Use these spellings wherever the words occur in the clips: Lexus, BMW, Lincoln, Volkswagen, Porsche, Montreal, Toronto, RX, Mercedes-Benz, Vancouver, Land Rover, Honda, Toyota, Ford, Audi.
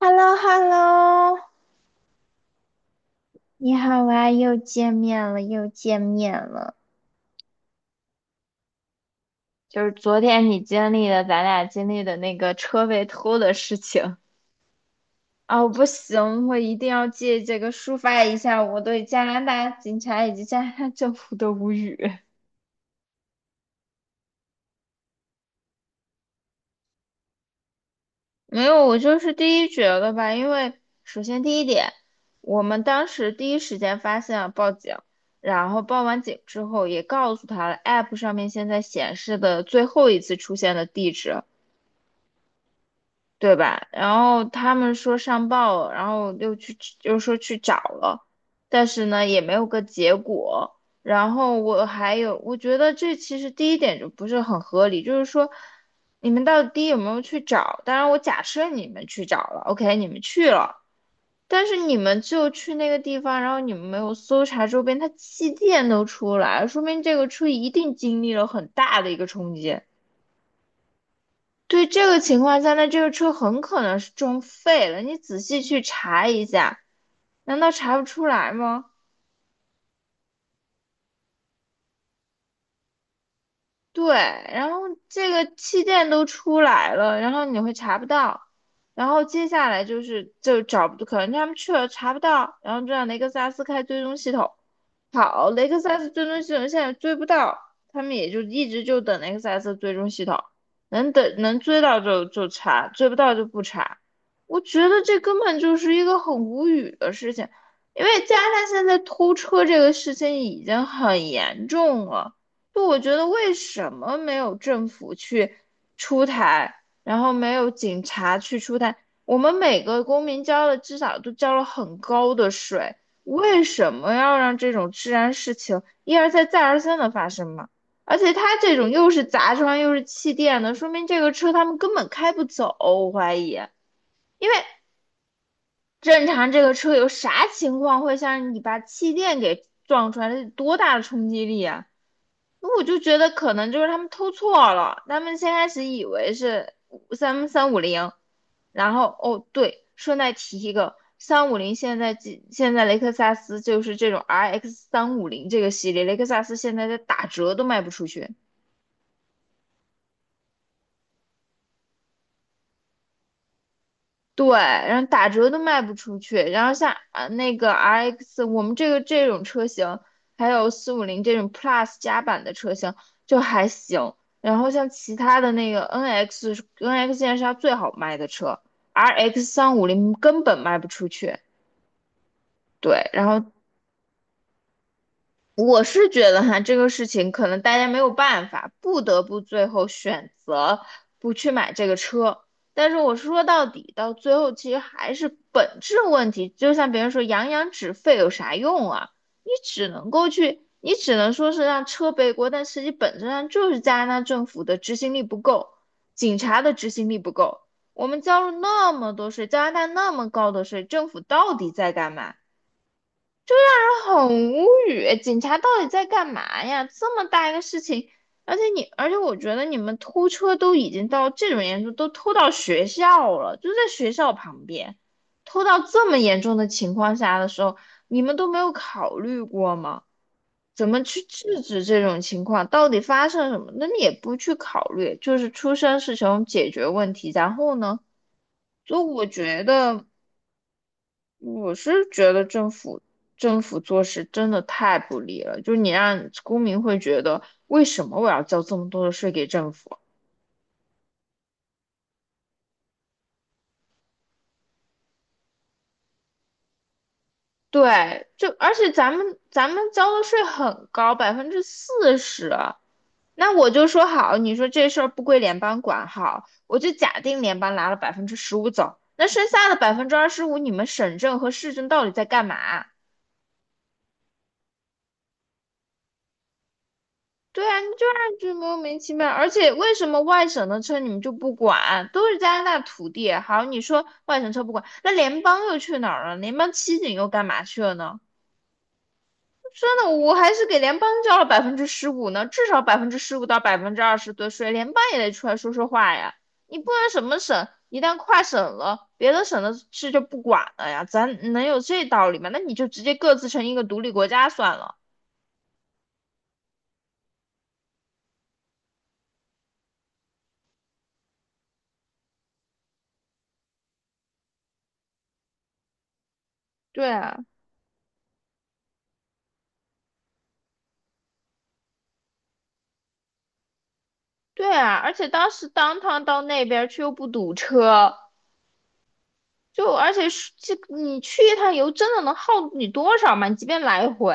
h e l l o h e l l o 你好啊，又见面了，又见面了。就是昨天你经历的，咱俩经历的那个车被偷的事情。哦，我不行，我一定要借这个抒发一下我对加拿大警察以及加拿大政府的无语。没有，我就是第一觉得吧，因为首先第一点，我们当时第一时间发现了报警，然后报完警之后也告诉他了，App 上面现在显示的最后一次出现的地址。对吧？然后他们说上报了，然后又去，又说去找了，但是呢也没有个结果。然后我还有，我觉得这其实第一点就不是很合理，就是说你们到底有没有去找？当然，我假设你们去找了，OK,你们去了，但是你们就去那个地方，然后你们没有搜查周边，他气垫都出来了说明这个车一定经历了很大的一个冲击。对这个情况下，那这个车很可能是撞废了。你仔细去查一下，难道查不出来吗？对，然后这个气垫都出来了，然后你会查不到，然后接下来就是就找不，可能他们去了查不到，然后就让雷克萨斯开追踪系统。好，雷克萨斯追踪系统现在追不到，他们也就一直就等雷克萨斯追踪系统，能等能追到就查，追不到就不查。我觉得这根本就是一个很无语的事情，因为加上现在偷车这个事情已经很严重了。就我觉得为什么没有政府去出台，然后没有警察去出台？我们每个公民交了至少都交了很高的税，为什么要让这种治安事情一而再再而三的发生嘛？而且他这种又是砸窗又是气垫的，说明这个车他们根本开不走，我怀疑。正常这个车有啥情况会像你把气垫给撞出来？这得多大的冲击力啊！那我就觉得可能就是他们偷错了，他们先开始以为是三五零，然后哦对，顺带提一个，三五零现在几现在雷克萨斯就是这种 RX 三五零这个系列，雷克萨斯现在在打折都卖不出去。对，然后打折都卖不出去。然后像啊那个 RX,我们这种车型，还有四五零这种 Plus 加版的车型就还行。然后像其他的那个 NX，NX 现在是它最好卖的车，RX 三五零根本卖不出去。对，然后我是觉得哈，这个事情可能大家没有办法，不得不最后选择不去买这个车。但是我说到底，到最后其实还是本质问题。就像别人说"扬扬止沸"有啥用啊？你只能够去，你只能说是让车背锅，但实际本质上就是加拿大政府的执行力不够，警察的执行力不够。我们交了那么多税，加拿大那么高的税，政府到底在干嘛？很无语，警察到底在干嘛呀？这么大一个事情，而且我觉得你们偷车都已经到这种严重，都偷到学校了，就在学校旁边，偷到这么严重的情况下的时候，你们都没有考虑过吗？怎么去制止这种情况？到底发生什么？那你也不去考虑，就是出生是穷，解决问题，然后呢？就我觉得。我是觉得政府做事真的太不利了，就是你让公民会觉得为什么我要交这么多的税给政府？对，就而且咱们交的税很高，40%。那我就说好，你说这事儿不归联邦管好，我就假定联邦拿了百分之十五走，那剩下的25%，你们省政和市政到底在干嘛？对啊，你就让就莫名其妙，而且为什么外省的车你们就不管？都是加拿大土地，好，你说外省车不管，那联邦又去哪儿了？联邦骑警又干嘛去了呢？真的，我还是给联邦交了百分之十五呢，至少百分之十五到百分之二十的税，联邦也得出来说说话呀。你不能什么省，一旦跨省了，别的省的事就不管了呀，咱能有这道理吗？那你就直接各自成一个独立国家算了。对啊。对啊，而且当时当趟到那边儿去又不堵车，就而且是这你去一趟油真的能耗你多少嘛？你即便来回，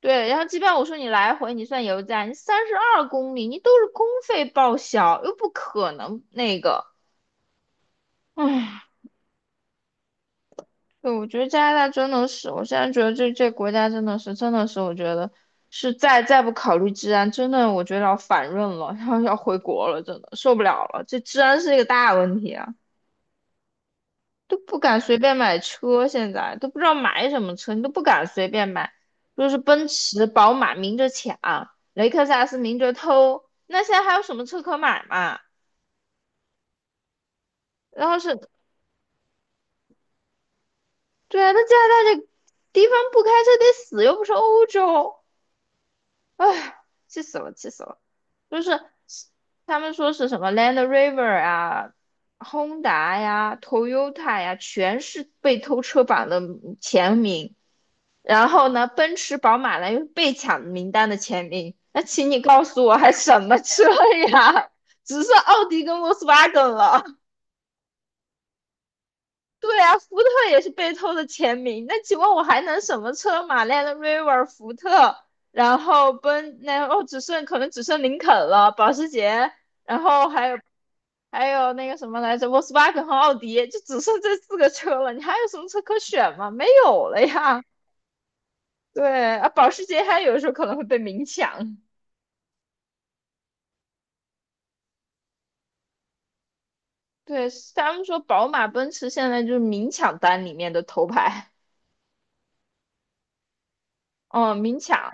对，然后即便我说你来回你算油价，你32公里，你都是公费报销，又不可能那个，唉，对，我觉得加拿大真的是，我现在觉得这国家真的是，我觉得是再不考虑治安，真的我觉得要反润了，然后要回国了，真的受不了了，这治安是一个大问题啊。都不敢随便买车，现在都不知道买什么车，你都不敢随便买。就是奔驰、宝马明着抢，雷克萨斯明着偷，那现在还有什么车可买嘛？然后是，对啊，那加拿大这地方不开车得死，又不是欧洲，唉，气死了，气死了。就是他们说是什么 Land Rover 啊、Honda 呀、Toyota 呀，全是被偷车榜的前名。然后呢，奔驰、宝马、呢？又是被抢名单的前名。那请你告诉我，还什么车呀？只剩奥迪跟 Volkswagen 了。对啊，福特也是被偷的前名。那请问我还能什么车嘛？Land Rover、福特，然后奔那哦，只剩可能只剩林肯了，保时捷，然后还有那个什么来着，Volkswagen 和奥迪，就只剩这四个车了。你还有什么车可选吗？没有了呀。对啊，保时捷还有时候可能会被明抢。对，他们说宝马、奔驰现在就是明抢单里面的头牌。嗯，明抢，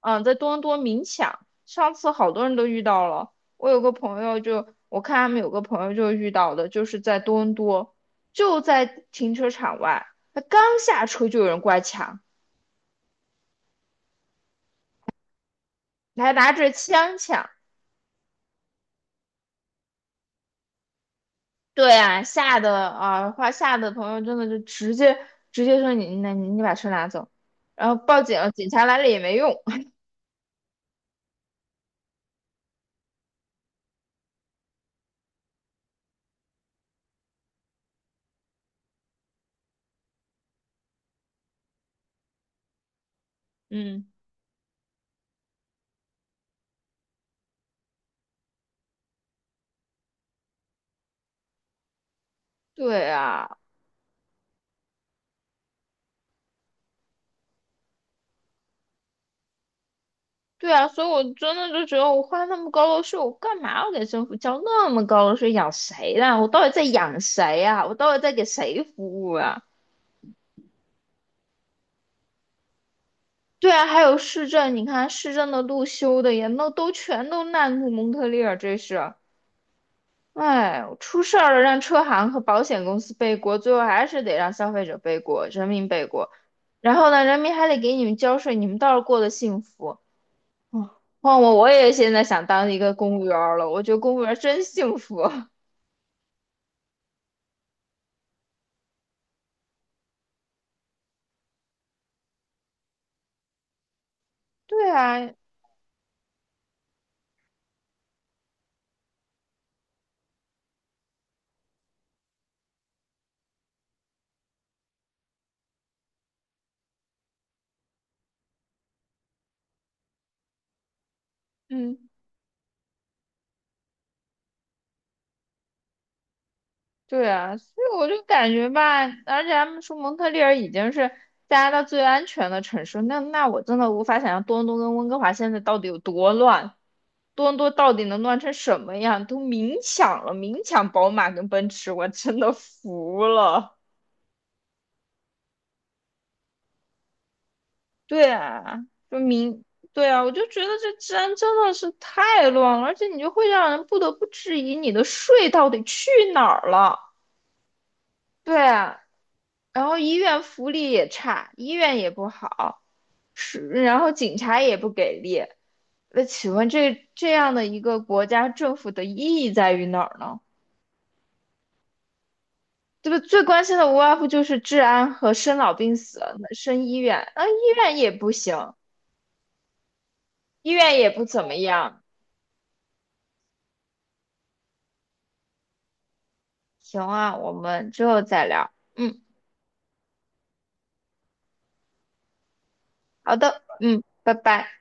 嗯，在多伦多明抢，上次好多人都遇到了。我有个朋友就，我看他们有个朋友就遇到的，就是在多伦多，就在停车场外，他刚下车就有人过来抢，还拿着枪抢，对啊，吓得啊，话吓得朋友真的就直接说你那你你把车拿走，然后报警了，警察来了也没用。嗯，对啊，对啊，所以我真的就觉得我花那么高的税，我干嘛要给政府交那么高的税？养谁呢？我到底在养谁呀？我到底在给谁服务啊？对啊，还有市政，你看市政的路修的也那都全都烂路蒙特利尔，这是。哎，出事儿了，让车行和保险公司背锅，最后还是得让消费者背锅，人民背锅。然后呢，人民还得给你们交税，你们倒是过得幸福。嗯，换我，我也现在想当一个公务员儿了，我觉得公务员儿真幸福。对啊，嗯，对啊，所以我就感觉吧，而且他们说蒙特利尔已经是加拿大最安全的城市，那我真的无法想象多伦多跟温哥华现在到底有多乱。多伦多到底能乱成什么样？都明抢了，明抢宝马跟奔驰，我真的服了。对啊，就明，对啊，我就觉得这治安真的是太乱了，而且你就会让人不得不质疑你的税到底去哪儿了。对啊，然后医院福利也差，医院也不好，是，然后警察也不给力。那请问这样的一个国家政府的意义在于哪儿呢？这个最关心的无外乎就是治安和生老病死，那生医院，啊，医院也不行，医院也不怎么样。行啊，我们之后再聊。嗯，好的，嗯，拜拜。